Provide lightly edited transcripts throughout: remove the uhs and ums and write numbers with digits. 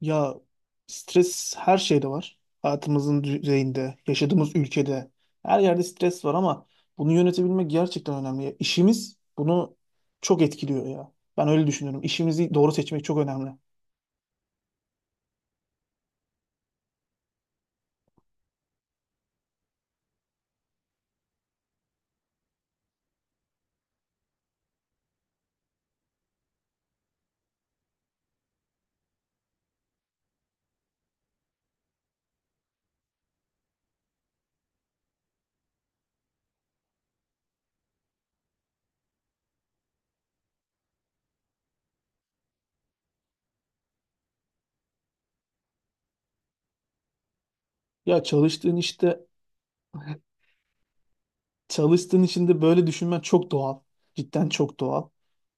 Ya, stres her şeyde var. Hayatımızın düzeyinde, yaşadığımız ülkede, her yerde stres var ama bunu yönetebilmek gerçekten önemli. Ya, İşimiz bunu çok etkiliyor ya. Ben öyle düşünüyorum. İşimizi doğru seçmek çok önemli. Ya, çalıştığın işte çalıştığın için de böyle düşünmen çok doğal. Cidden çok doğal.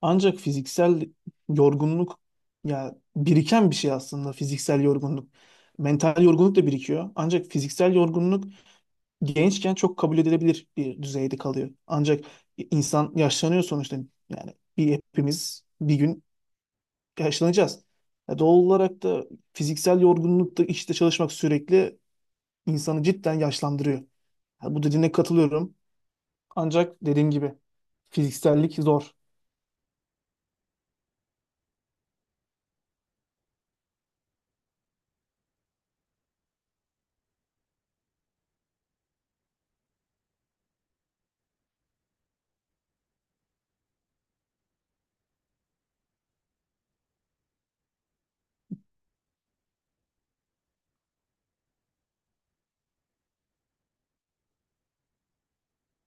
Ancak fiziksel yorgunluk, ya, biriken bir şey aslında fiziksel yorgunluk. Mental yorgunluk da birikiyor. Ancak fiziksel yorgunluk gençken çok kabul edilebilir bir düzeyde kalıyor. Ancak insan yaşlanıyor sonuçta. Yani bir hepimiz bir gün yaşlanacağız. Ya, doğal olarak da fiziksel yorgunluk da işte çalışmak sürekli insanı cidden yaşlandırıyor. Ya, bu dediğine katılıyorum. Ancak dediğim gibi fiziksellik zor.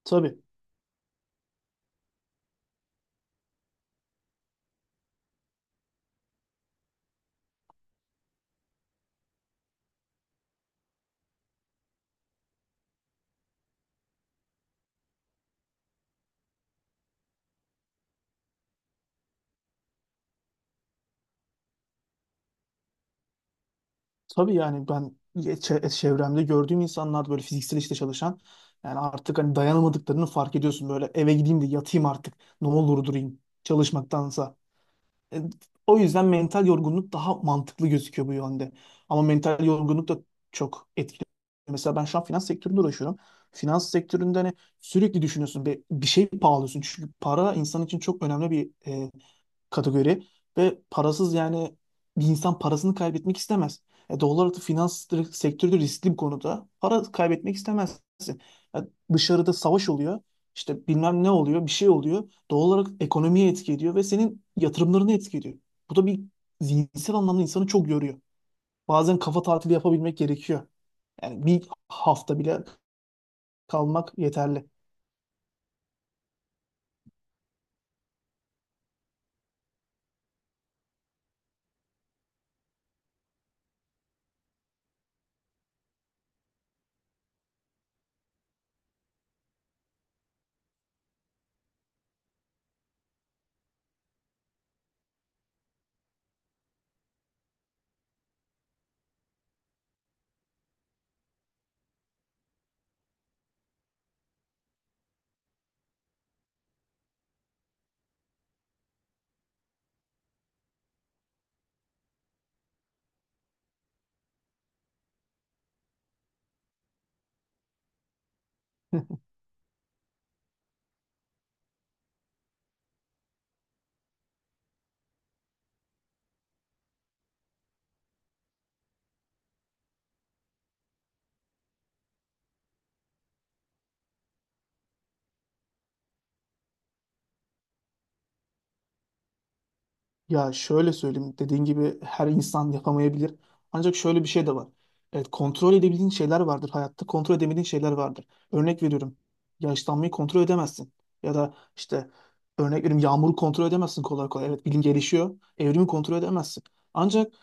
Tabii. Tabii, yani ben çevremde gördüğüm insanlar böyle fiziksel işte çalışan, yani artık hani dayanamadıklarını fark ediyorsun, böyle eve gideyim de yatayım artık, ne olur durayım çalışmaktansa. E, O yüzden mental yorgunluk daha mantıklı gözüküyor bu yönde. Ama mental yorgunluk da çok etkili. Mesela ben şu an finans sektöründe uğraşıyorum. Finans sektöründe hani sürekli düşünüyorsun, bir şey pahalıyorsun. Çünkü para insan için çok önemli bir kategori, ve parasız, yani bir insan parasını kaybetmek istemez. Doğal olarak da finans sektörü de riskli bir konuda. Para kaybetmek istemezsin. Ya, dışarıda savaş oluyor, işte bilmem ne oluyor, bir şey oluyor. Doğal olarak ekonomiye etki ediyor ve senin yatırımlarını etki ediyor. Bu da bir zihinsel anlamda insanı çok yoruyor. Bazen kafa tatili yapabilmek gerekiyor. Yani bir hafta bile kalmak yeterli. Ya, şöyle söyleyeyim, dediğin gibi her insan yapamayabilir. Ancak şöyle bir şey de var. Evet, kontrol edebildiğin şeyler vardır hayatta, kontrol edemediğin şeyler vardır. Örnek veriyorum, yaşlanmayı kontrol edemezsin. Ya da işte örnek veriyorum, yağmuru kontrol edemezsin kolay kolay. Evet, bilim gelişiyor, evrimi kontrol edemezsin. Ancak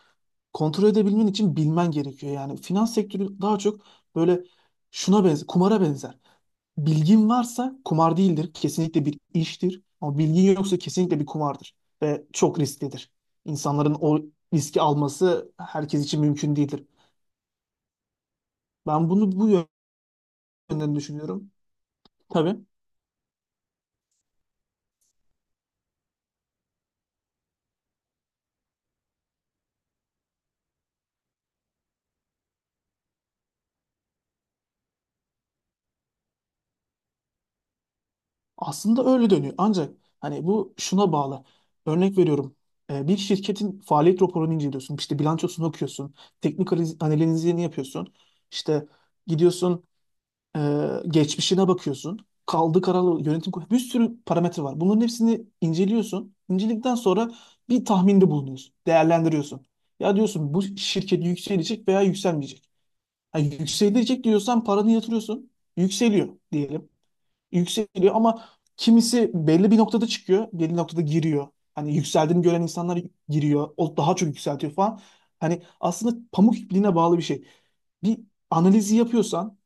kontrol edebilmen için bilmen gerekiyor. Yani finans sektörü daha çok böyle şuna benzer, kumara benzer. Bilgin varsa kumar değildir, kesinlikle bir iştir. Ama bilgin yoksa kesinlikle bir kumardır ve çok risklidir. İnsanların o riski alması herkes için mümkün değildir. Ben bunu bu yönden düşünüyorum. Tabii. Aslında öyle dönüyor. Ancak hani bu şuna bağlı. Örnek veriyorum. Bir şirketin faaliyet raporunu inceliyorsun. İşte bilançosunu okuyorsun. Teknik analizini yapıyorsun. İşte gidiyorsun, e, geçmişine bakıyorsun. Kaldığı kararlı yönetim kurulu. Bir sürü parametre var. Bunların hepsini inceliyorsun. İnceledikten sonra bir tahminde bulunuyorsun. Değerlendiriyorsun. Ya, diyorsun bu şirket yükselecek veya yükselmeyecek. Ha, yükselecek diyorsan paranı yatırıyorsun. Yükseliyor diyelim, yükseliyor ama kimisi belli bir noktada çıkıyor, belli noktada giriyor. Hani yükseldiğini gören insanlar giriyor, o daha çok yükseltiyor falan. Hani aslında pamuk ipliğine bağlı bir şey. Bir analizi yapıyorsan,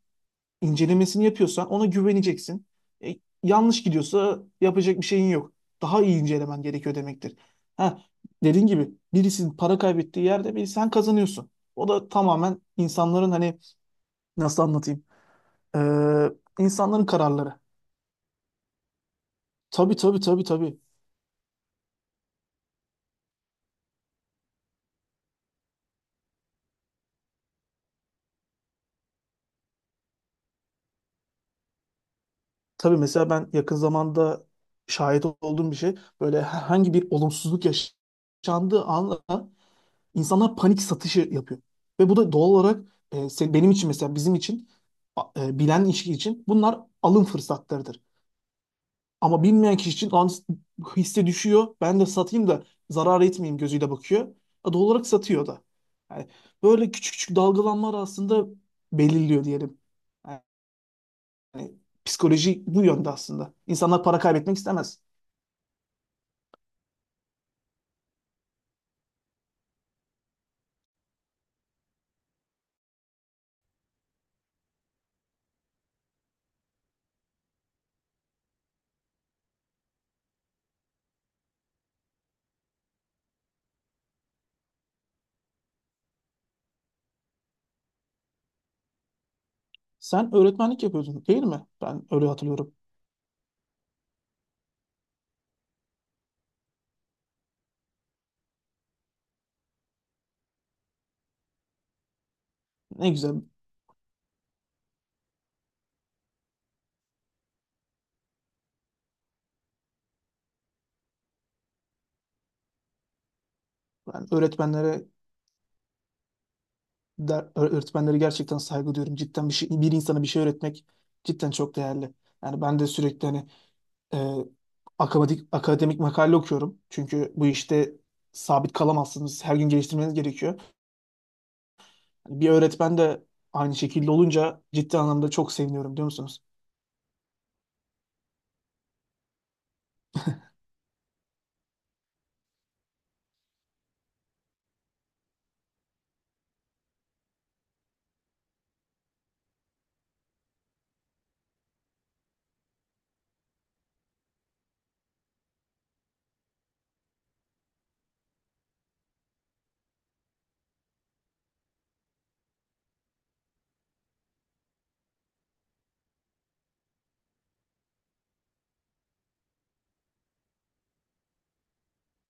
incelemesini yapıyorsan ona güveneceksin. E, Yanlış gidiyorsa yapacak bir şeyin yok. Daha iyi incelemen gerekiyor demektir. Ha, dediğin gibi birisinin para kaybettiği yerde bir sen kazanıyorsun. O da tamamen insanların hani nasıl anlatayım? Ee, insanların kararları. Tabii, tabii, tabii, tabii. Tabii mesela ben yakın zamanda şahit olduğum bir şey, böyle herhangi bir olumsuzluk yaşandığı anla insanlar panik satışı yapıyor. Ve bu da doğal olarak, benim için, mesela bizim için, bilen kişi için bunlar alım fırsatlarıdır. Ama bilmeyen kişi için, "Lan hisse düşüyor ben de satayım da zarar etmeyeyim" gözüyle bakıyor. Doğal olarak satıyor da. Yani böyle küçük küçük dalgalanmalar aslında belirliyor diyelim. Yani psikoloji bu yönde aslında. İnsanlar para kaybetmek istemez. Sen öğretmenlik yapıyordun değil mi? Ben öyle hatırlıyorum. Ne güzel. Ben öğretmenlere der, öğretmenlere gerçekten saygı duyuyorum. Cidden bir şey, bir insana bir şey öğretmek cidden çok değerli. Yani ben de sürekli hani e, akademik makale okuyorum. Çünkü bu işte sabit kalamazsınız. Her gün geliştirmeniz gerekiyor. Hani bir öğretmen de aynı şekilde olunca ciddi anlamda çok seviniyorum, diyor musunuz?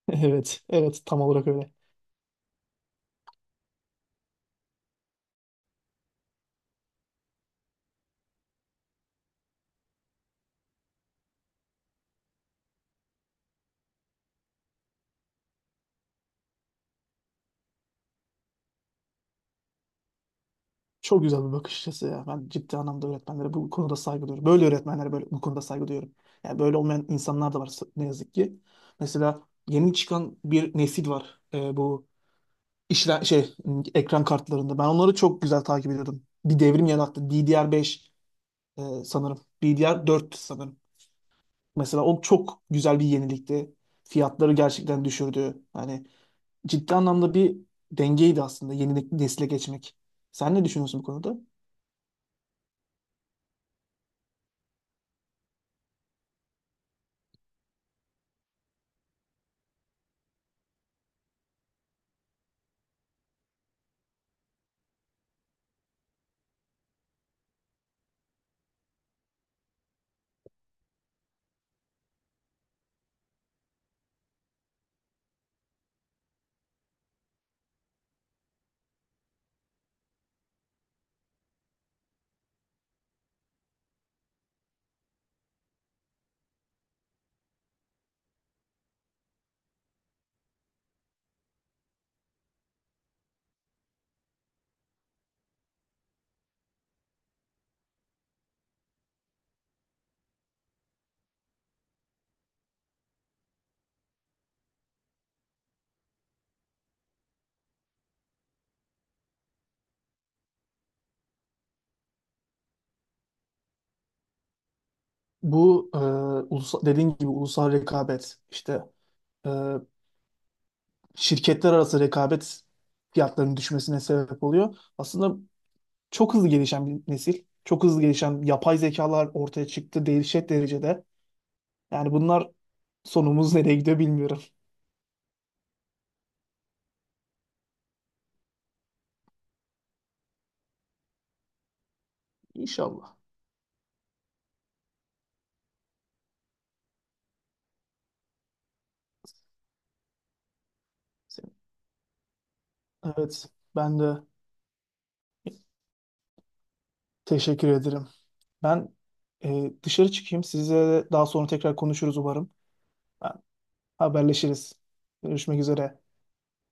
Evet, evet, tam olarak öyle. Çok güzel bir bakış açısı ya. Ben ciddi anlamda öğretmenlere bu konuda saygı duyuyorum. Böyle öğretmenlere böyle bu konuda saygı duyuyorum. Yani böyle olmayan insanlar da var, ne yazık ki. Mesela yeni çıkan bir nesil var. Bu işler şey, ekran kartlarında. Ben onları çok güzel takip ediyordum. Bir devrim yarattı. DDR5, sanırım. DDR4 sanırım. Mesela o çok güzel bir yenilikti. Fiyatları gerçekten düşürdü. Hani ciddi anlamda bir dengeydi aslında yeni nesile geçmek. Sen ne düşünüyorsun bu konuda? Bu ulusal, dediğin gibi ulusal rekabet, işte e, şirketler arası rekabet fiyatlarının düşmesine sebep oluyor. Aslında çok hızlı gelişen bir nesil. Çok hızlı gelişen yapay zekalar ortaya çıktı dehşet derecede. Yani bunlar, sonumuz nereye gidiyor bilmiyorum. İnşallah. Senin. Evet, ben de teşekkür ederim. Ben dışarı çıkayım. Sizle daha sonra tekrar konuşuruz umarım. Ben, haberleşiriz. Görüşmek üzere.